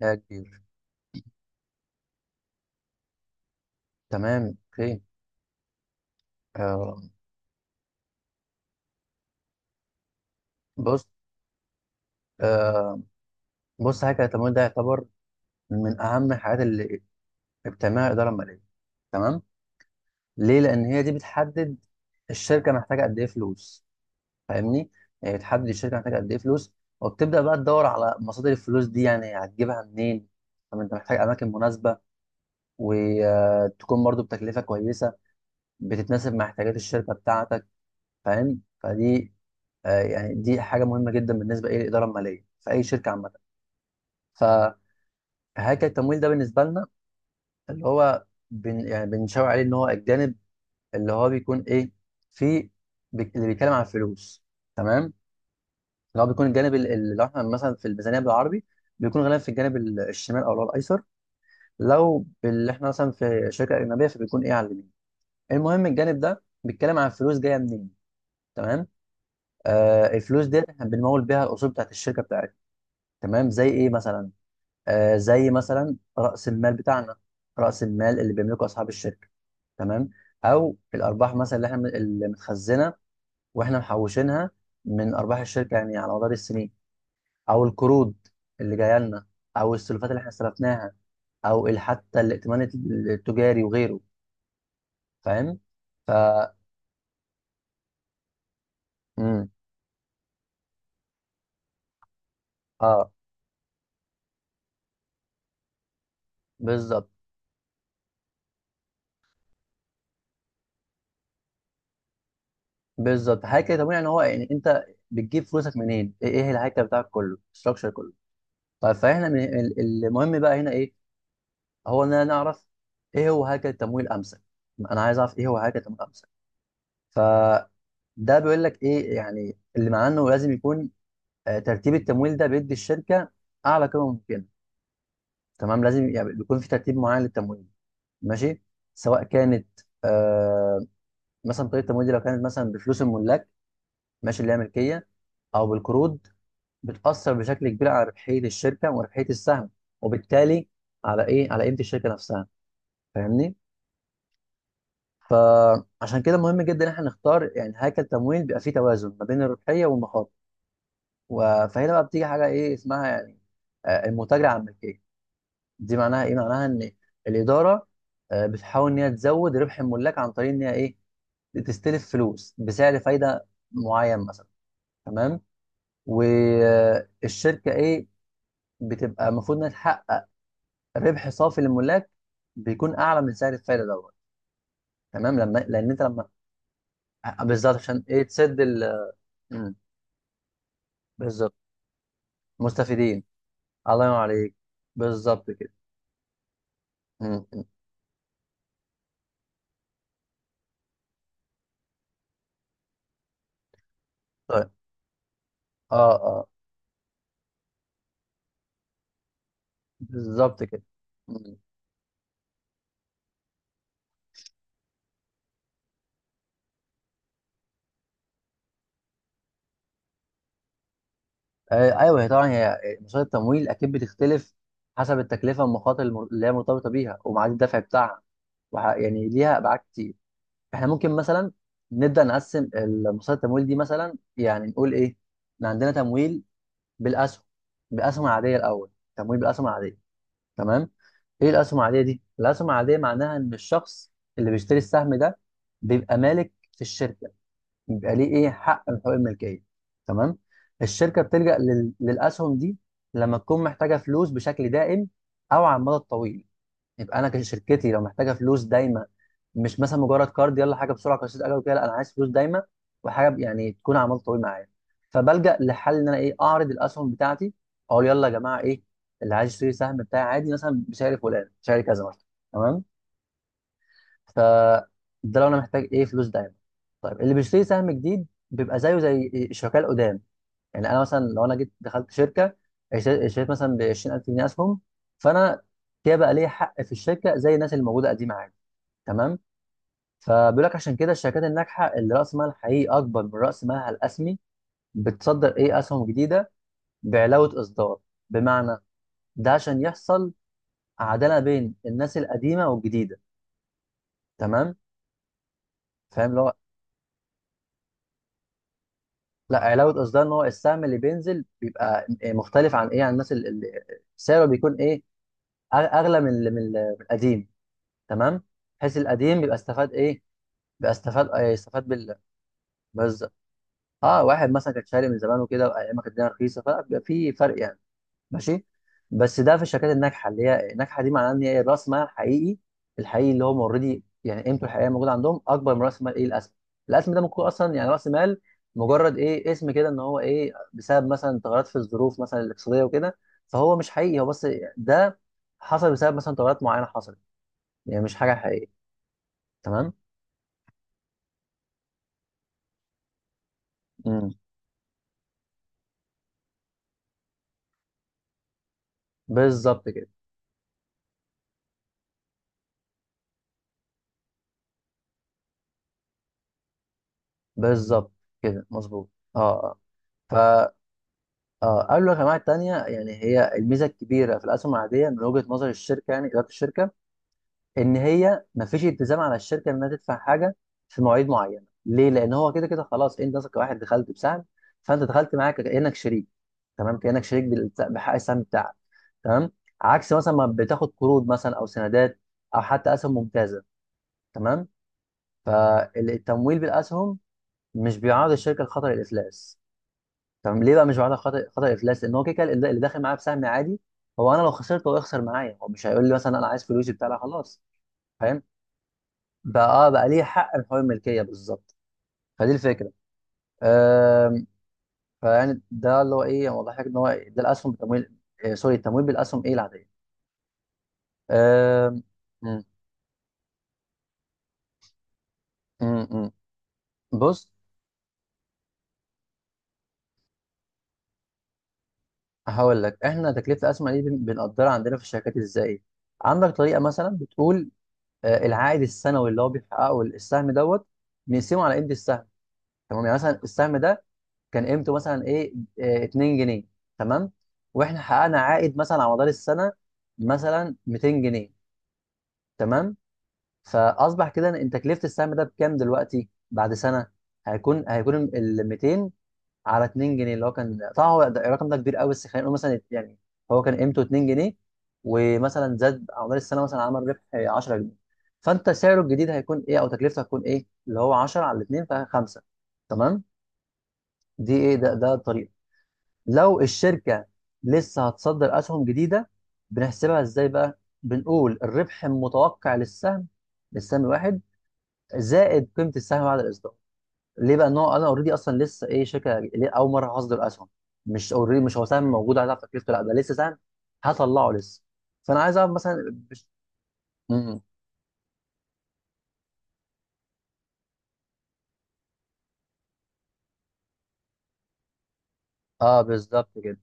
يا كبير. تمام اوكي. آه بص آه بص، حاجه، التمويل ده يعتبر من اهم الحاجات اللي بتعملها الاداره الماليه. تمام؟ ليه؟ لان هي دي بتحدد الشركه محتاجه قد ايه فلوس، فاهمني؟ يعني بتحدد الشركه محتاجه قد ايه فلوس، وبتبدا بقى تدور على مصادر الفلوس دي، يعني هتجيبها منين. طب انت محتاج اماكن مناسبه، وتكون برضو بتكلفه كويسه، بتتناسب مع احتياجات الشركه بتاعتك، فاهم؟ فدي يعني دي حاجه مهمه جدا بالنسبه ايه للاداره الماليه في اي شركه عامه، فهاكر. التمويل ده بالنسبه لنا اللي هو يعني بنشاور عليه ان هو الجانب اللي هو بيكون ايه، في اللي بيتكلم عن الفلوس، تمام. اللي هو بيكون الجانب اللي لو احنا مثلا في الميزانيه بالعربي بيكون غالبا في الجانب الشمال، او اللي هو الايسر، لو اللي احنا مثلا في شركه اجنبيه فبيكون ايه على اليمين. المهم الجانب ده بيتكلم عن الفلوس جايه منين، تمام؟ الفلوس ديت احنا بنمول بيها الاصول بتاعت الشركه بتاعتنا، تمام؟ زي ايه مثلا؟ زي مثلا رأس المال بتاعنا، رأس المال اللي بيملكه أصحاب الشركة، تمام. أو الأرباح مثلا اللي احنا اللي متخزنة، واحنا محوشينها من أرباح الشركة يعني على مدار السنين. أو القروض اللي جاية لنا، أو السلفات اللي احنا استلفناها، أو حتى الائتمان التجاري وغيره. فاهم؟ ف مم. اه، بالظبط، بالظبط، هيكل طبيعي، ان هو يعني انت بتجيب فلوسك منين؟ ايه إيه الهيكل بتاعك كله؟ الستراكشر كله. طيب فاحنا من المهم بقى هنا ايه؟ هو اننا نعرف ايه هو هيكل التمويل امثل. انا عايز اعرف ايه هو هيكل التمويل امثل. فده بيقول لك ايه؟ يعني اللي معناه انه لازم يكون ترتيب التمويل ده بيدي الشركه اعلى قيمه ممكنه، تمام. لازم يعني بيكون في ترتيب معين للتمويل، ماشي؟ سواء كانت آه مثلا طريقه التمويل دي لو كانت مثلا بفلوس الملاك، ماشي، اللي هي ملكيه، او بالقروض، بتاثر بشكل كبير على ربحيه الشركه وربحيه السهم، وبالتالي على ايه، على قيمه الشركه نفسها، فاهمني؟ فعشان كده مهم جدا ان احنا نختار يعني هيكل تمويل بيبقى فيه توازن ما بين الربحيه والمخاطر. فهنا بقى بتيجي حاجه ايه اسمها يعني، المتاجره على الملكيه. دي معناها ايه؟ معناها ان الاداره بتحاول ان هي تزود ربح الملاك عن طريق ان هي ايه، تستلف فلوس بسعر فايده معين مثلا، تمام. والشركه ايه، بتبقى المفروض انها تحقق ربح صافي للملاك بيكون اعلى من سعر الفايده دوت، تمام. لما، لان انت لما بالظبط، عشان ايه؟ تسد ال. مم. بالظبط، مستفيدين. الله ينور عليك. بالظبط كده. مم. طيب، اه اه، بالظبط كده. مم. ايوه، هي طبعا هي مصادر التمويل اكيد بتختلف حسب التكلفه والمخاطر اللي هي مرتبطه بيها، وميعاد الدفع بتاعها، يعني ليها ابعاد كتير. احنا ممكن مثلا نبدا نقسم مصادر التمويل دي مثلا، يعني نقول ايه، إن عندنا تمويل بالاسهم، بالاسهم العاديه الاول تمويل بالاسهم العاديه، تمام. ايه الاسهم العاديه دي؟ الاسهم العاديه معناها ان الشخص اللي بيشتري السهم ده بيبقى مالك في الشركه، بيبقى ليه ايه، حق من حقوق الملكيه، تمام. الشركه بتلجأ للاسهم دي لما تكون محتاجه فلوس بشكل دائم او على المدى الطويل. يبقى انا كشركتي لو محتاجه فلوس دايما، مش مثلا مجرد كارد، يلا حاجه بسرعه قصير اجل وكده، لا، انا عايز فلوس دايما وحاجه يعني تكون على مدى طويل معايا، فبلجأ لحل ان انا ايه، اعرض الاسهم بتاعتي، اقول يلا يا جماعه ايه اللي عايز يشتري سهم بتاعي عادي مثلا بسعر فلان، سعر كذا مثلا، تمام. فده لو انا محتاج ايه، فلوس دايما. طيب اللي بيشتري سهم جديد بيبق زيه زي الشركاء القدام، يعني انا مثلا لو انا جيت دخلت شركه اشتريت مثلا ب 20000 جنيه اسهم، فانا كده بقى ليا حق في الشركه زي الناس اللي موجوده قديمه عادي، تمام. فبيقول لك عشان كده الشركات الناجحه اللي راس مالها الحقيقي اكبر من راس مالها الاسمي بتصدر ايه، اسهم جديده بعلاوه اصدار، بمعنى، ده عشان يحصل عداله بين الناس القديمه والجديده، تمام. فاهم اللي هو، لا، علاوه اصدار ان هو السهم اللي بينزل بيبقى مختلف عن ايه، عن الناس اللي اللي سعره بيكون ايه، اغلى من من القديم، تمام. بحيث القديم يبقى استفاد ايه، بيبقى استفاد يستفاد بال. بالظبط. اه، واحد مثلا كان شاري من زمان وكده وايام ما كانت الدنيا رخيصه فبيبقى في فرق يعني، ماشي. بس ده في الشركات الناجحه، اللي هي الناجحه دي معناها ان هي راس مالها الحقيقي، الحقيقي اللي هم اوريدي يعني قيمته الحقيقيه موجوده عندهم اكبر من راس مال ايه، الاسهم. الاسهم ده ممكن يكون اصلا يعني راس مال مجرد ايه، اسم كده، ان هو ايه، بسبب مثلا تغيرات في الظروف مثلا الاقتصاديه وكده، فهو مش حقيقي، هو بس ده حصل بسبب مثلا تغيرات معينه حصلت، يعني مش حاجه حقيقيه، تمام. مم. بالظبط كده. بالظبط كده مظبوط. اه اه. ف اه قالوا الخدمات التانية، يعني هي الميزة الكبيرة في الأسهم العادية من وجهة نظر الشركة، يعني إدارة الشركة، إن هي مفيش التزام على الشركة إنها تدفع حاجة في مواعيد معينة. ليه؟ لأن هو كده كده خلاص، أنت مثلا كواحد دخلت بسهم، فأنت دخلت معاك كأنك شريك، تمام، كأنك شريك بحق السهم بتاعك، تمام. عكس مثلا ما بتاخد قروض مثلا أو سندات، أو حتى أسهم ممتازة، تمام. فالتمويل بالأسهم مش بيعرض الشركة لخطر الإفلاس. طب ليه بقى مش بعملها خطأ افلاس؟ لان هو كده كده اللي اللي داخل معايا بسهم عادي، هو انا لو خسرت هو يخسر معايا، هو مش هيقول لي مثلا انا عايز فلوسي بتاع، لا خلاص، فاهم؟ فاه، بقى ليه حق في حقوق الملكيه، بالظبط. فدي الفكره. أم، فيعني ده اللي هو ايه، هو ضحك ان هو ده الاسهم بتمويل، سوري، التمويل بالاسهم ايه، العاديه. أم، م- م- م. بص، هقول لك، احنا تكلفه الاسهم دي بنقدرها عندنا في الشركات ازاي. عندك طريقه مثلا بتقول العائد السنوي اللي هو بيحققه السهم دوت، نقسمه على قيمه السهم، تمام. يعني مثلا السهم ده كان قيمته مثلا ايه، 2 جنيه، تمام. واحنا حققنا عائد مثلا على مدار السنه مثلا 200 جنيه، تمام. فاصبح كده ان تكلفه السهم ده بكام دلوقتي بعد سنه، هيكون ال 200 على 2 جنيه، اللي هو كان طبعا هو الرقم ده كبير قوي، بس خلينا نقول مثلا يعني، هو كان قيمته 2 جنيه، ومثلا زاد على مدار السنه، مثلا عمل ربح 10 جنيه، فانت سعره الجديد هيكون ايه او تكلفته هتكون ايه، اللي هو 10 على 2 فخمسه، تمام. دي ايه، ده ده الطريقه. لو الشركة لسه هتصدر أسهم جديدة، بنحسبها إزاي بقى؟ بنقول الربح المتوقع للسهم، للسهم الواحد، زائد قيمة السهم بعد الإصدار. ليه بقى؟ إن هو أنا أوريدي أصلا لسه إيه، شركة ليه أول مرة هصدر أسهم. مش أوريدي، مش هو سهم موجود على تكلفته، لا ده لسه سهم هطلعه لسه. فأنا عايز أعرف مثلا بش... م- أه بالظبط كده.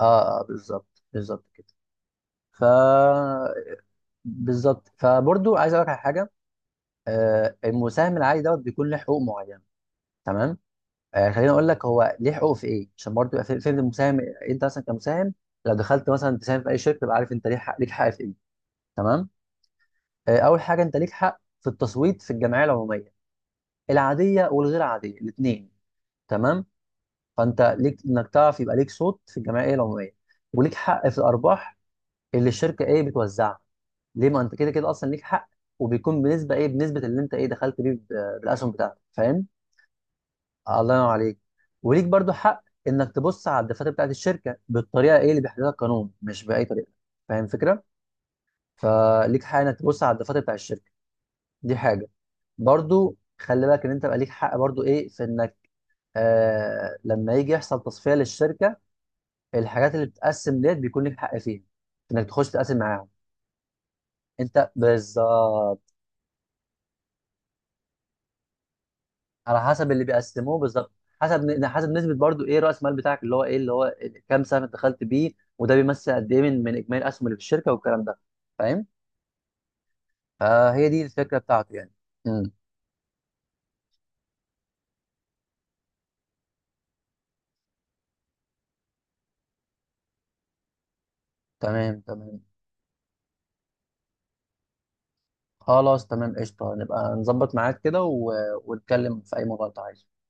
أه أه بالظبط بالظبط كده. ف بالظبط. فبرضو عايز أقول لك على حاجة، المساهم العادي دوت بيكون له حقوق معينة، تمام. خليني اقول لك هو ليه حقوق في ايه عشان برضه يبقى فهم المساهم. انت مثلا كمساهم لو دخلت مثلا تساهم في اي شركه، تبقى عارف انت ليك حق، ليك حق في ايه، تمام. اول حاجه انت ليك حق في التصويت في الجمعيه العموميه، العاديه والغير عاديه الاثنين، تمام. فانت ليك انك تعرف يبقى ليك صوت في الجمعيه العموميه. وليك حق في الارباح اللي الشركه ايه، بتوزعها. ليه؟ ما انت كده كده اصلا ليك حق، وبيكون بنسبه ايه، بنسبه اللي انت ايه، دخلت بيه بالاسهم بتاعتك، فاهم؟ الله ينور عليك. وليك برضو حق انك تبص على الدفاتر بتاعت الشركه بالطريقه ايه اللي بيحددها القانون، مش باي طريقه. فاهم الفكره؟ فليك حق انك تبص على الدفاتر بتاعت الشركه، دي حاجه. برضو خلي بالك ان انت بقى ليك حق برضو ايه في انك لما يجي يحصل تصفيه للشركه، الحاجات اللي بتتقسم ديت بيكون ليك حق فيها، انك تخش تتقاسم معاهم. انت بالظبط على حسب اللي بيقسموه بالظبط، حسب نسبه برضو ايه، راس المال بتاعك اللي هو ايه، اللي هو كام سهم دخلت بيه، وده بيمثل قد ايه من من اجمالي الاسهم اللي في الشركه والكلام ده، فاهم؟ فهي دي الفكره بتاعته يعني. امم تمام تمام. خلاص تمام، قشطه، نبقى نظبط معاك كده و... ونتكلم في اي موضوع انت عايزه.